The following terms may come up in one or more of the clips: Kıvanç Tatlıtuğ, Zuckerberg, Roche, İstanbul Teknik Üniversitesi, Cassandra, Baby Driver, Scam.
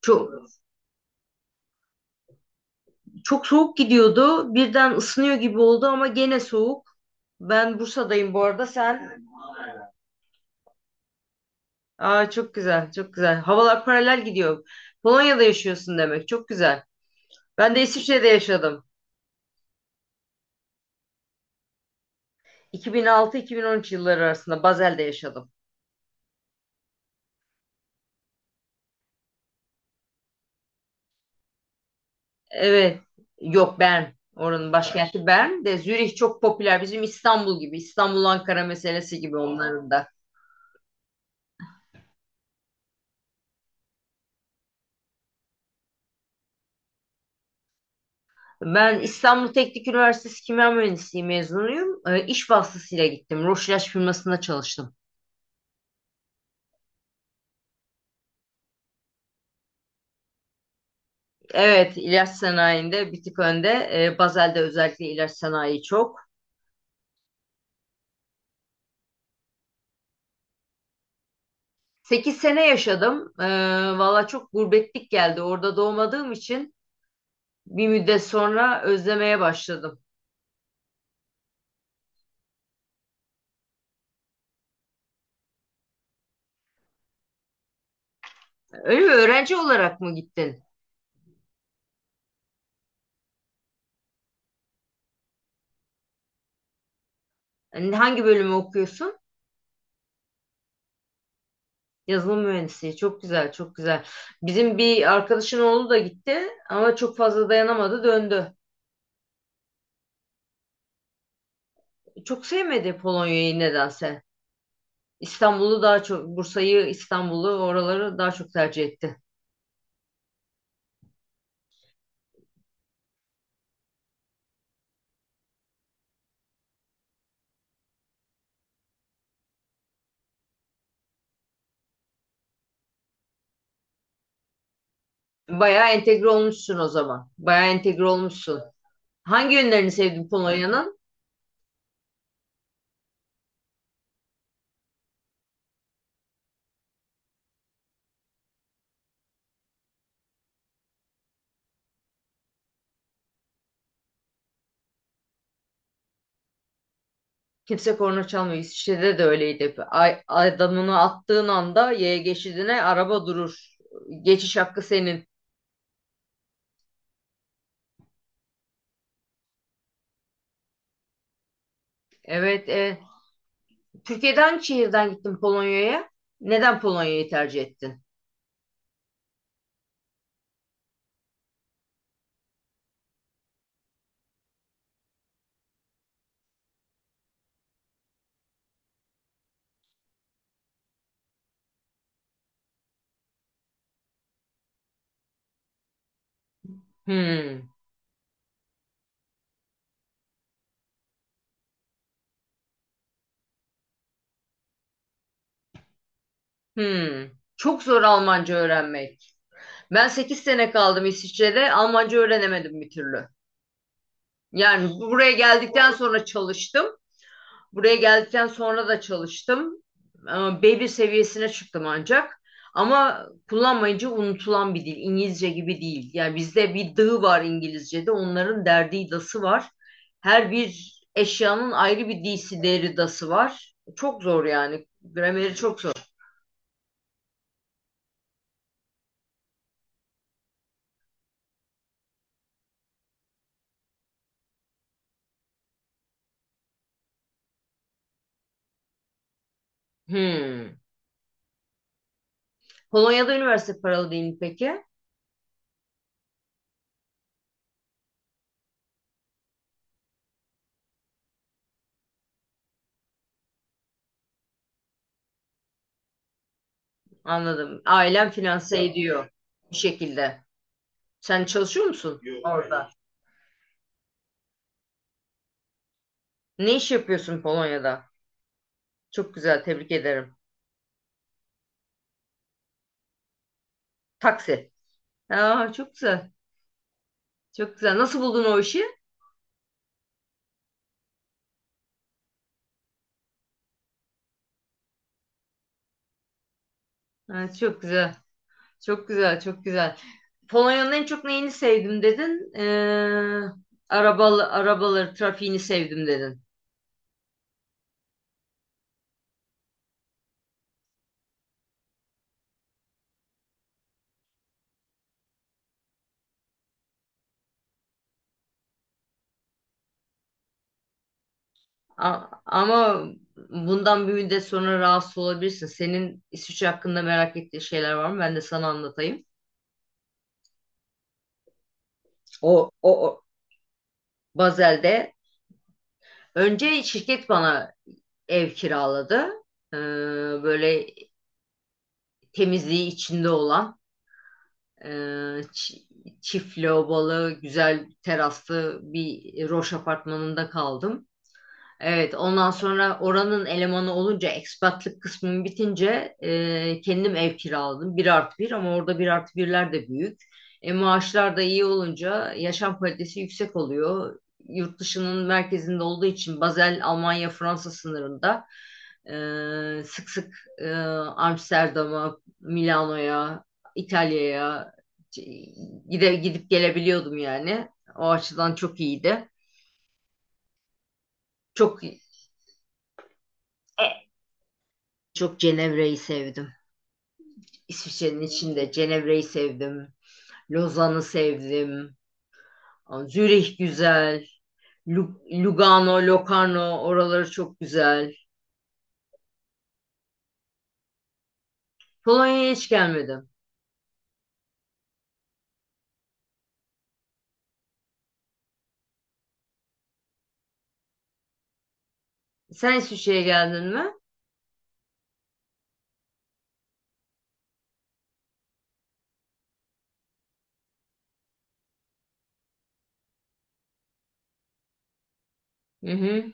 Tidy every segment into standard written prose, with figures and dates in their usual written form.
Çok, çok soğuk gidiyordu. Birden ısınıyor gibi oldu ama gene soğuk. Ben Bursa'dayım bu arada. Sen? Aa, çok güzel, çok güzel. Havalar paralel gidiyor. Polonya'da yaşıyorsun demek. Çok güzel. Ben de İsviçre'de yaşadım. 2006-2013 yılları arasında Basel'de yaşadım. Evet. Yok Bern. Oranın başkenti Bern de Zürih çok popüler. Bizim İstanbul gibi. İstanbul-Ankara meselesi gibi onların da. Ben İstanbul Teknik Üniversitesi Kimya Mühendisliği mezunuyum. İş vasıtasıyla gittim. Roche ilaç firmasında çalıştım. Evet, ilaç sanayinde bir tık önde. Bazel'de özellikle ilaç sanayi çok. Sekiz sene yaşadım. Valla çok gurbetlik geldi. Orada doğmadığım için bir müddet sonra özlemeye başladım. Öyle mi? Öğrenci olarak mı gittin? Hangi bölümü okuyorsun? Yazılım mühendisliği. Çok güzel, çok güzel. Bizim bir arkadaşın oğlu da gitti ama çok fazla dayanamadı, döndü. Çok sevmedi Polonya'yı nedense. İstanbul'u daha çok, Bursa'yı, İstanbul'u, oraları daha çok tercih etti. Bayağı entegre olmuşsun o zaman. Bayağı entegre olmuşsun. Hangi yönlerini sevdin Polonya'nın? Kimse korna çalmıyor. İsviçre'de de öyleydi, hep. Ay, adamını attığın anda yaya geçidine araba durur. Geçiş hakkı senin. Evet, Türkiye'den hangi şehirden gittin Polonya'ya? Neden Polonya'yı tercih ettin? Hmm, hmm. Çok zor Almanca öğrenmek. Ben 8 sene kaldım İsviçre'de. Almanca öğrenemedim bir türlü. Yani buraya geldikten sonra çalıştım. Buraya geldikten sonra da çalıştım. Ama B1 seviyesine çıktım ancak. Ama kullanmayınca unutulan bir dil. İngilizce gibi değil. Yani bizde bir dı var İngilizce'de. Onların derdi dası var. Her bir eşyanın ayrı bir disi deri dası var. Çok zor yani. Grameri çok zor. Hmm. Polonya'da üniversite paralı değil mi peki? Anladım. Ailen finanse ediyor bir şekilde. Sen çalışıyor musun, yok hayır, orada? Hayır. Ne iş yapıyorsun Polonya'da? Çok güzel, tebrik ederim. Taksi. Aa, çok güzel. Çok güzel. Nasıl buldun o işi? Ha, çok güzel. Çok güzel, çok güzel. Polonya'nın en çok neyini sevdim dedin? Arabaları, trafiğini sevdim dedin. Ama bundan bir müddet sonra rahatsız olabilirsin. Senin İsviçre hakkında merak ettiğin şeyler var mı? Ben de sana anlatayım. O, o, Bazel'de. Önce şirket bana ev kiraladı. Ee, Böyle temizliği içinde olan e, çi- çift lavabolu, güzel teraslı bir Roş apartmanında kaldım. Evet, ondan sonra oranın elemanı olunca ekspatlık kısmım bitince kendim ev kiraladım. Bir artı bir ama orada bir artı birler de büyük. Maaşlar da iyi olunca yaşam kalitesi yüksek oluyor. Yurt dışının merkezinde olduğu için Basel, Almanya, Fransa sınırında sık sık e, Amsterdam'a, Milano'ya, İtalya'ya gidip gelebiliyordum yani. O açıdan çok iyiydi. Çok e, Çok Cenevre'yi sevdim. İsviçre'nin içinde Cenevre'yi sevdim. Lozan'ı sevdim. Zürih güzel. Lugano, Locarno oraları çok güzel. Polonya'ya hiç gelmedim. Sen İsviçre'ye geldin mi? Hı hı.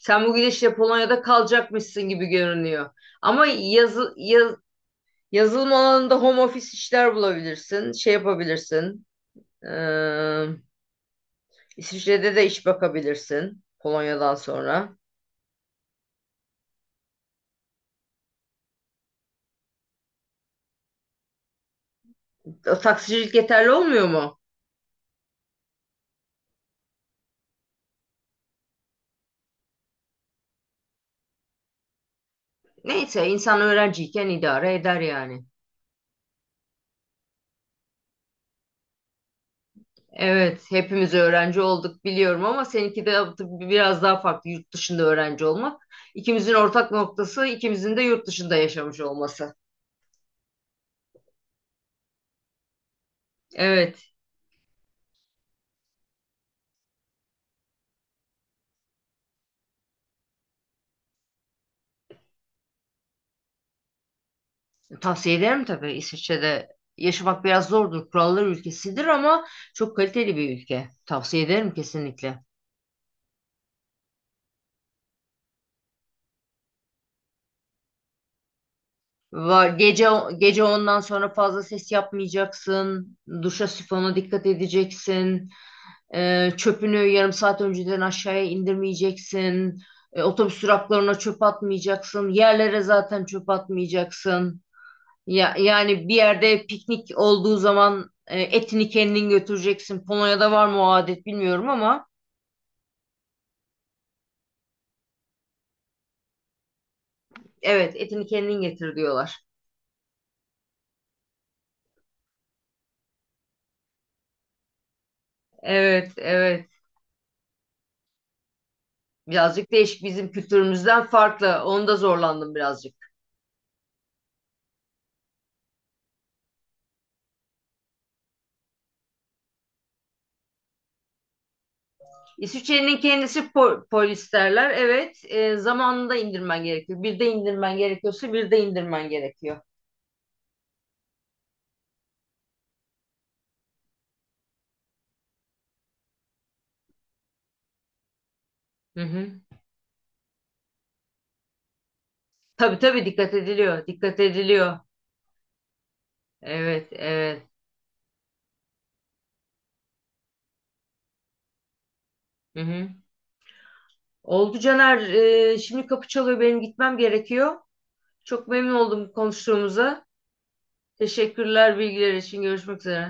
Sen bu gidişle Polonya'da kalacakmışsın gibi görünüyor. Ama yazılım alanında home office işler bulabilirsin. Şey yapabilirsin. Ee, İsviçre'de de iş bakabilirsin Polonya'dan sonra. Taksicilik yeterli olmuyor mu? Neyse insan öğrenciyken idare eder yani. Evet, hepimiz öğrenci olduk biliyorum ama seninki de tabii biraz daha farklı yurt dışında öğrenci olmak. İkimizin ortak noktası ikimizin de yurt dışında yaşamış olması. Evet, tavsiye ederim tabii. İsviçre'de yaşamak biraz zordur. Kurallar ülkesidir ama çok kaliteli bir ülke. Tavsiye ederim kesinlikle. Va- Gece gece ondan sonra fazla ses yapmayacaksın. Duşa sifona dikkat edeceksin. Çöpünü yarım saat önceden aşağıya indirmeyeceksin. Otobüs duraklarına çöp atmayacaksın. Yerlere zaten çöp atmayacaksın. Yani bir yerde piknik olduğu zaman etini kendin götüreceksin. Polonya'da var mı o adet bilmiyorum ama evet, etini kendin getir diyorlar. Evet, evet. Birazcık değişik, bizim kültürümüzden farklı. Onu da zorlandım birazcık. İsviçre'nin kendisi polislerler. Evet, zamanında indirmen gerekiyor. Bir de indirmen gerekiyor. Hı hı. Tabii tabii dikkat ediliyor. Dikkat ediliyor. Evet, evet. Hı hı. Oldu, Caner. Şimdi kapı çalıyor. Benim gitmem gerekiyor. Çok memnun oldum konuştuğumuza. Teşekkürler bilgiler için. Görüşmek üzere.